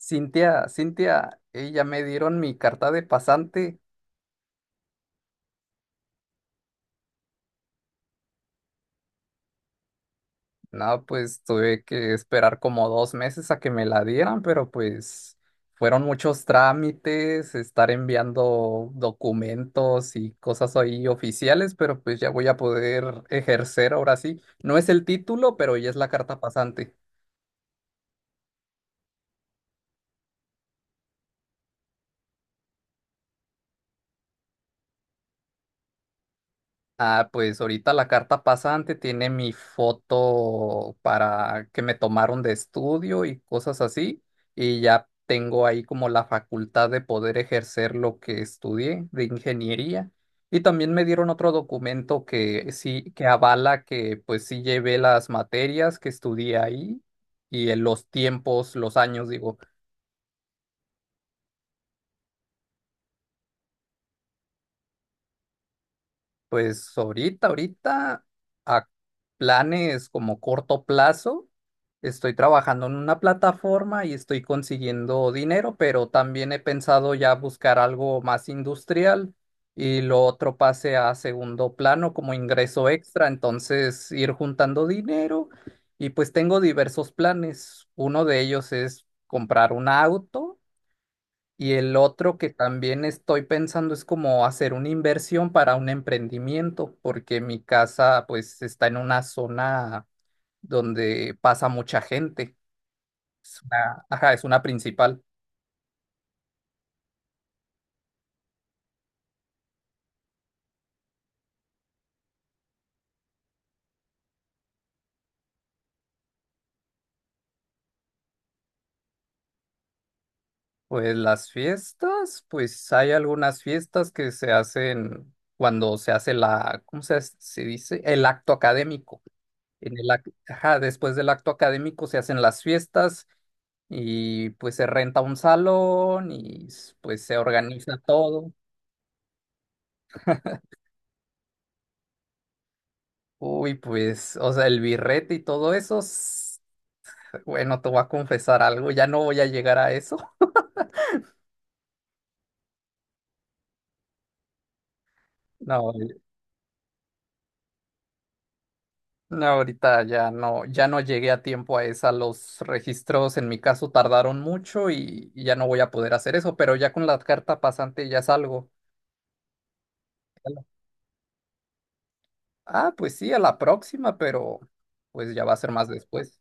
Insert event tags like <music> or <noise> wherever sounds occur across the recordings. Cintia, Cintia, ey, ya me dieron mi carta de pasante. No, pues tuve que esperar como 2 meses a que me la dieran, pero pues fueron muchos trámites, estar enviando documentos y cosas ahí oficiales, pero pues ya voy a poder ejercer ahora sí. No es el título, pero ya es la carta pasante. Ah, pues ahorita la carta pasante tiene mi foto para que me tomaron de estudio y cosas así, y ya tengo ahí como la facultad de poder ejercer lo que estudié de ingeniería. Y también me dieron otro documento que sí, que avala que pues sí llevé las materias que estudié ahí y en los tiempos, los años, digo. Pues ahorita, a planes como corto plazo, estoy trabajando en una plataforma y estoy consiguiendo dinero, pero también he pensado ya buscar algo más industrial y lo otro pase a segundo plano como ingreso extra, entonces ir juntando dinero y pues tengo diversos planes. Uno de ellos es comprar un auto. Y el otro que también estoy pensando es como hacer una inversión para un emprendimiento, porque mi casa pues está en una zona donde pasa mucha gente. Es una, ajá, es una principal. Pues las fiestas, pues hay algunas fiestas que se hacen cuando se hace la, ¿cómo se dice? El acto académico. En el, ajá, después del acto académico se hacen las fiestas y pues se renta un salón y pues se organiza todo. Uy, pues, o sea, el birrete y todo eso, bueno, te voy a confesar algo, ya no voy a llegar a eso. <laughs> No, no, ahorita ya no, ya no llegué a tiempo a esa. Los registros en mi caso tardaron mucho y ya no voy a poder hacer eso, pero ya con la carta pasante ya salgo. Ah, pues sí, a la próxima, pero pues ya va a ser más después.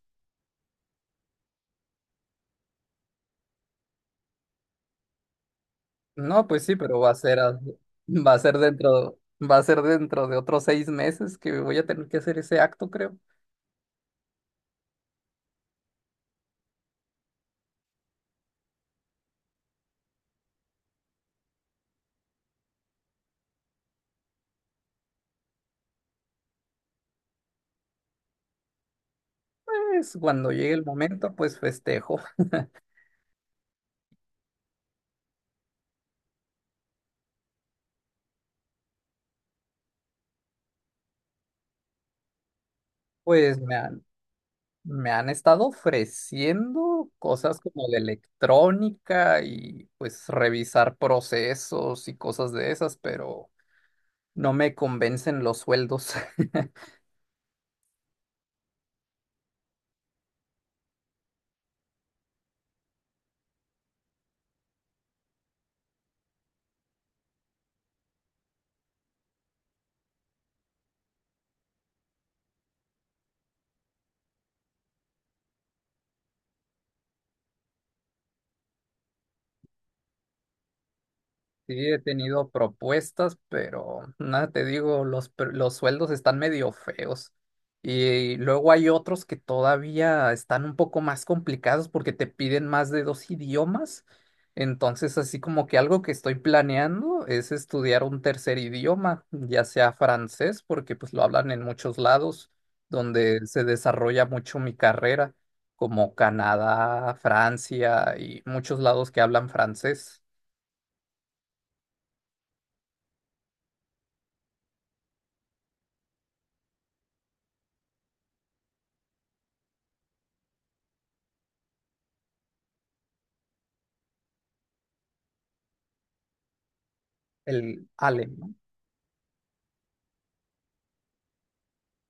No, pues sí, pero va a ser va a ser dentro de otros 6 meses que voy a tener que hacer ese acto, creo. Pues cuando llegue el momento, pues festejo. Pues me han estado ofreciendo cosas como de electrónica y pues revisar procesos y cosas de esas, pero no me convencen los sueldos. <laughs> Sí, he tenido propuestas, pero nada, te digo, los, los sueldos están medio feos. Y luego hay otros que todavía están un poco más complicados porque te piden más de 2 idiomas. Entonces, así como que algo que estoy planeando es estudiar un tercer idioma, ya sea francés, porque pues lo hablan en muchos lados donde se desarrolla mucho mi carrera, como Canadá, Francia y muchos lados que hablan francés. El alemán.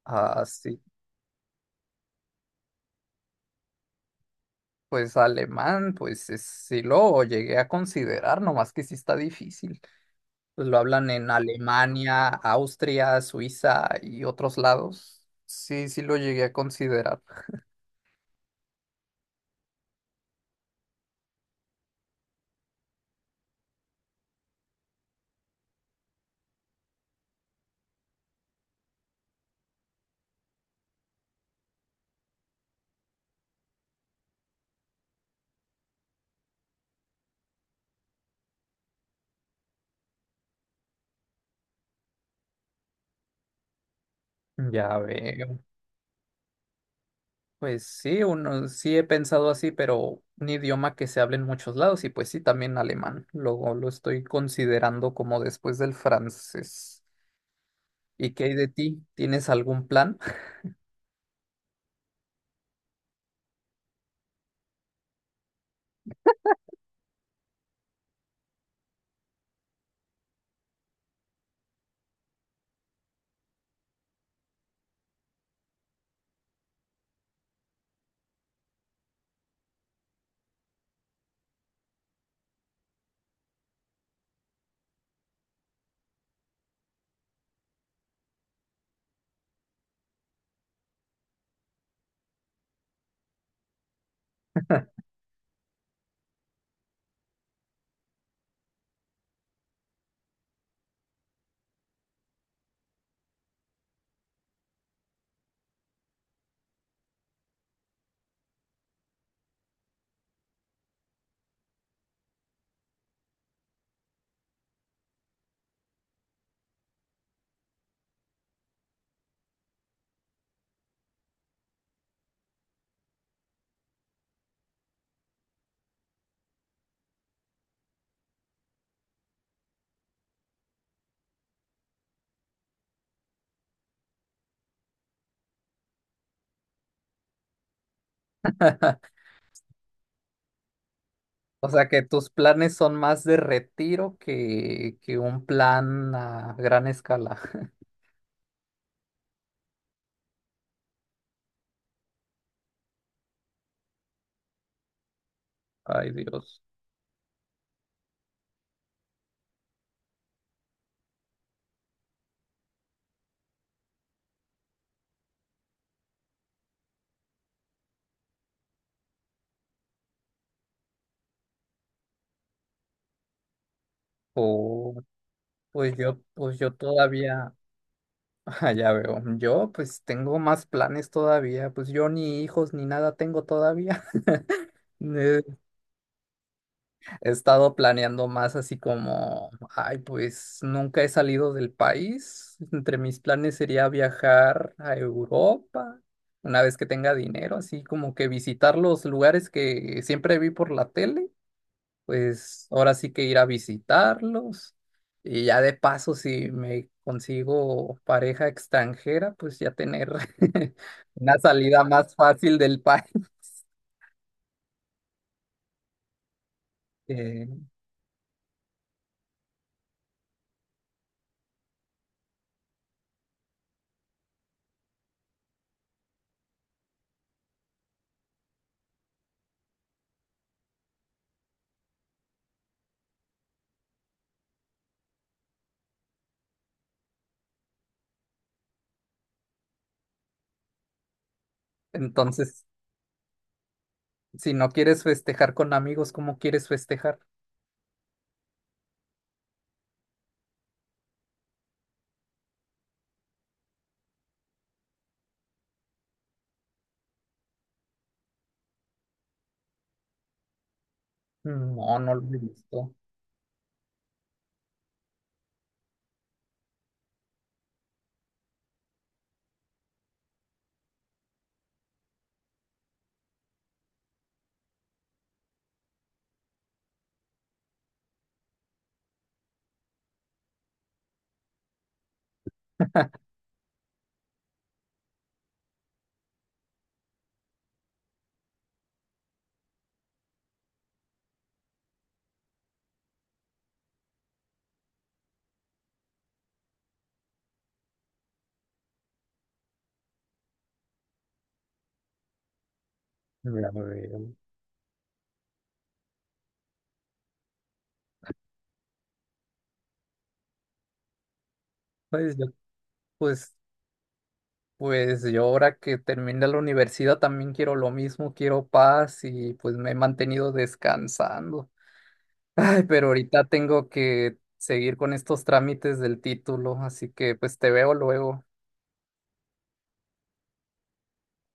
Ah, sí, pues alemán, pues sí lo llegué a considerar, nomás que sí está difícil. Pues lo hablan en Alemania, Austria, Suiza y otros lados. Sí, sí lo llegué a considerar. Ya veo. Pues sí, uno sí he pensado así, pero un idioma que se habla en muchos lados y pues sí, también alemán. Luego lo estoy considerando como después del francés. ¿Y qué hay de ti? ¿Tienes algún plan? <laughs> O sea que tus planes son más de retiro que un plan a gran escala. <laughs> Ay, Dios. Oh, pues yo, <laughs> ah, ya veo. Yo pues tengo más planes todavía. Pues yo ni hijos ni nada tengo todavía. <laughs> Eh, He estado planeando más así como, ay, pues nunca he salido del país. Entre mis planes sería viajar a Europa una vez que tenga dinero, así como que visitar los lugares que siempre vi por la tele, pues ahora sí que ir a visitarlos. Y ya de paso, si me consigo pareja extranjera, pues ya tener <laughs> una salida más fácil del país. Eh, entonces... Si no quieres festejar con amigos, ¿cómo quieres festejar? No, no lo he visto. Ya veo. Pues yo, pues, pues yo ahora que terminé la universidad también quiero lo mismo, quiero paz y pues me he mantenido descansando. Ay, pero ahorita tengo que seguir con estos trámites del título, así que pues te veo luego.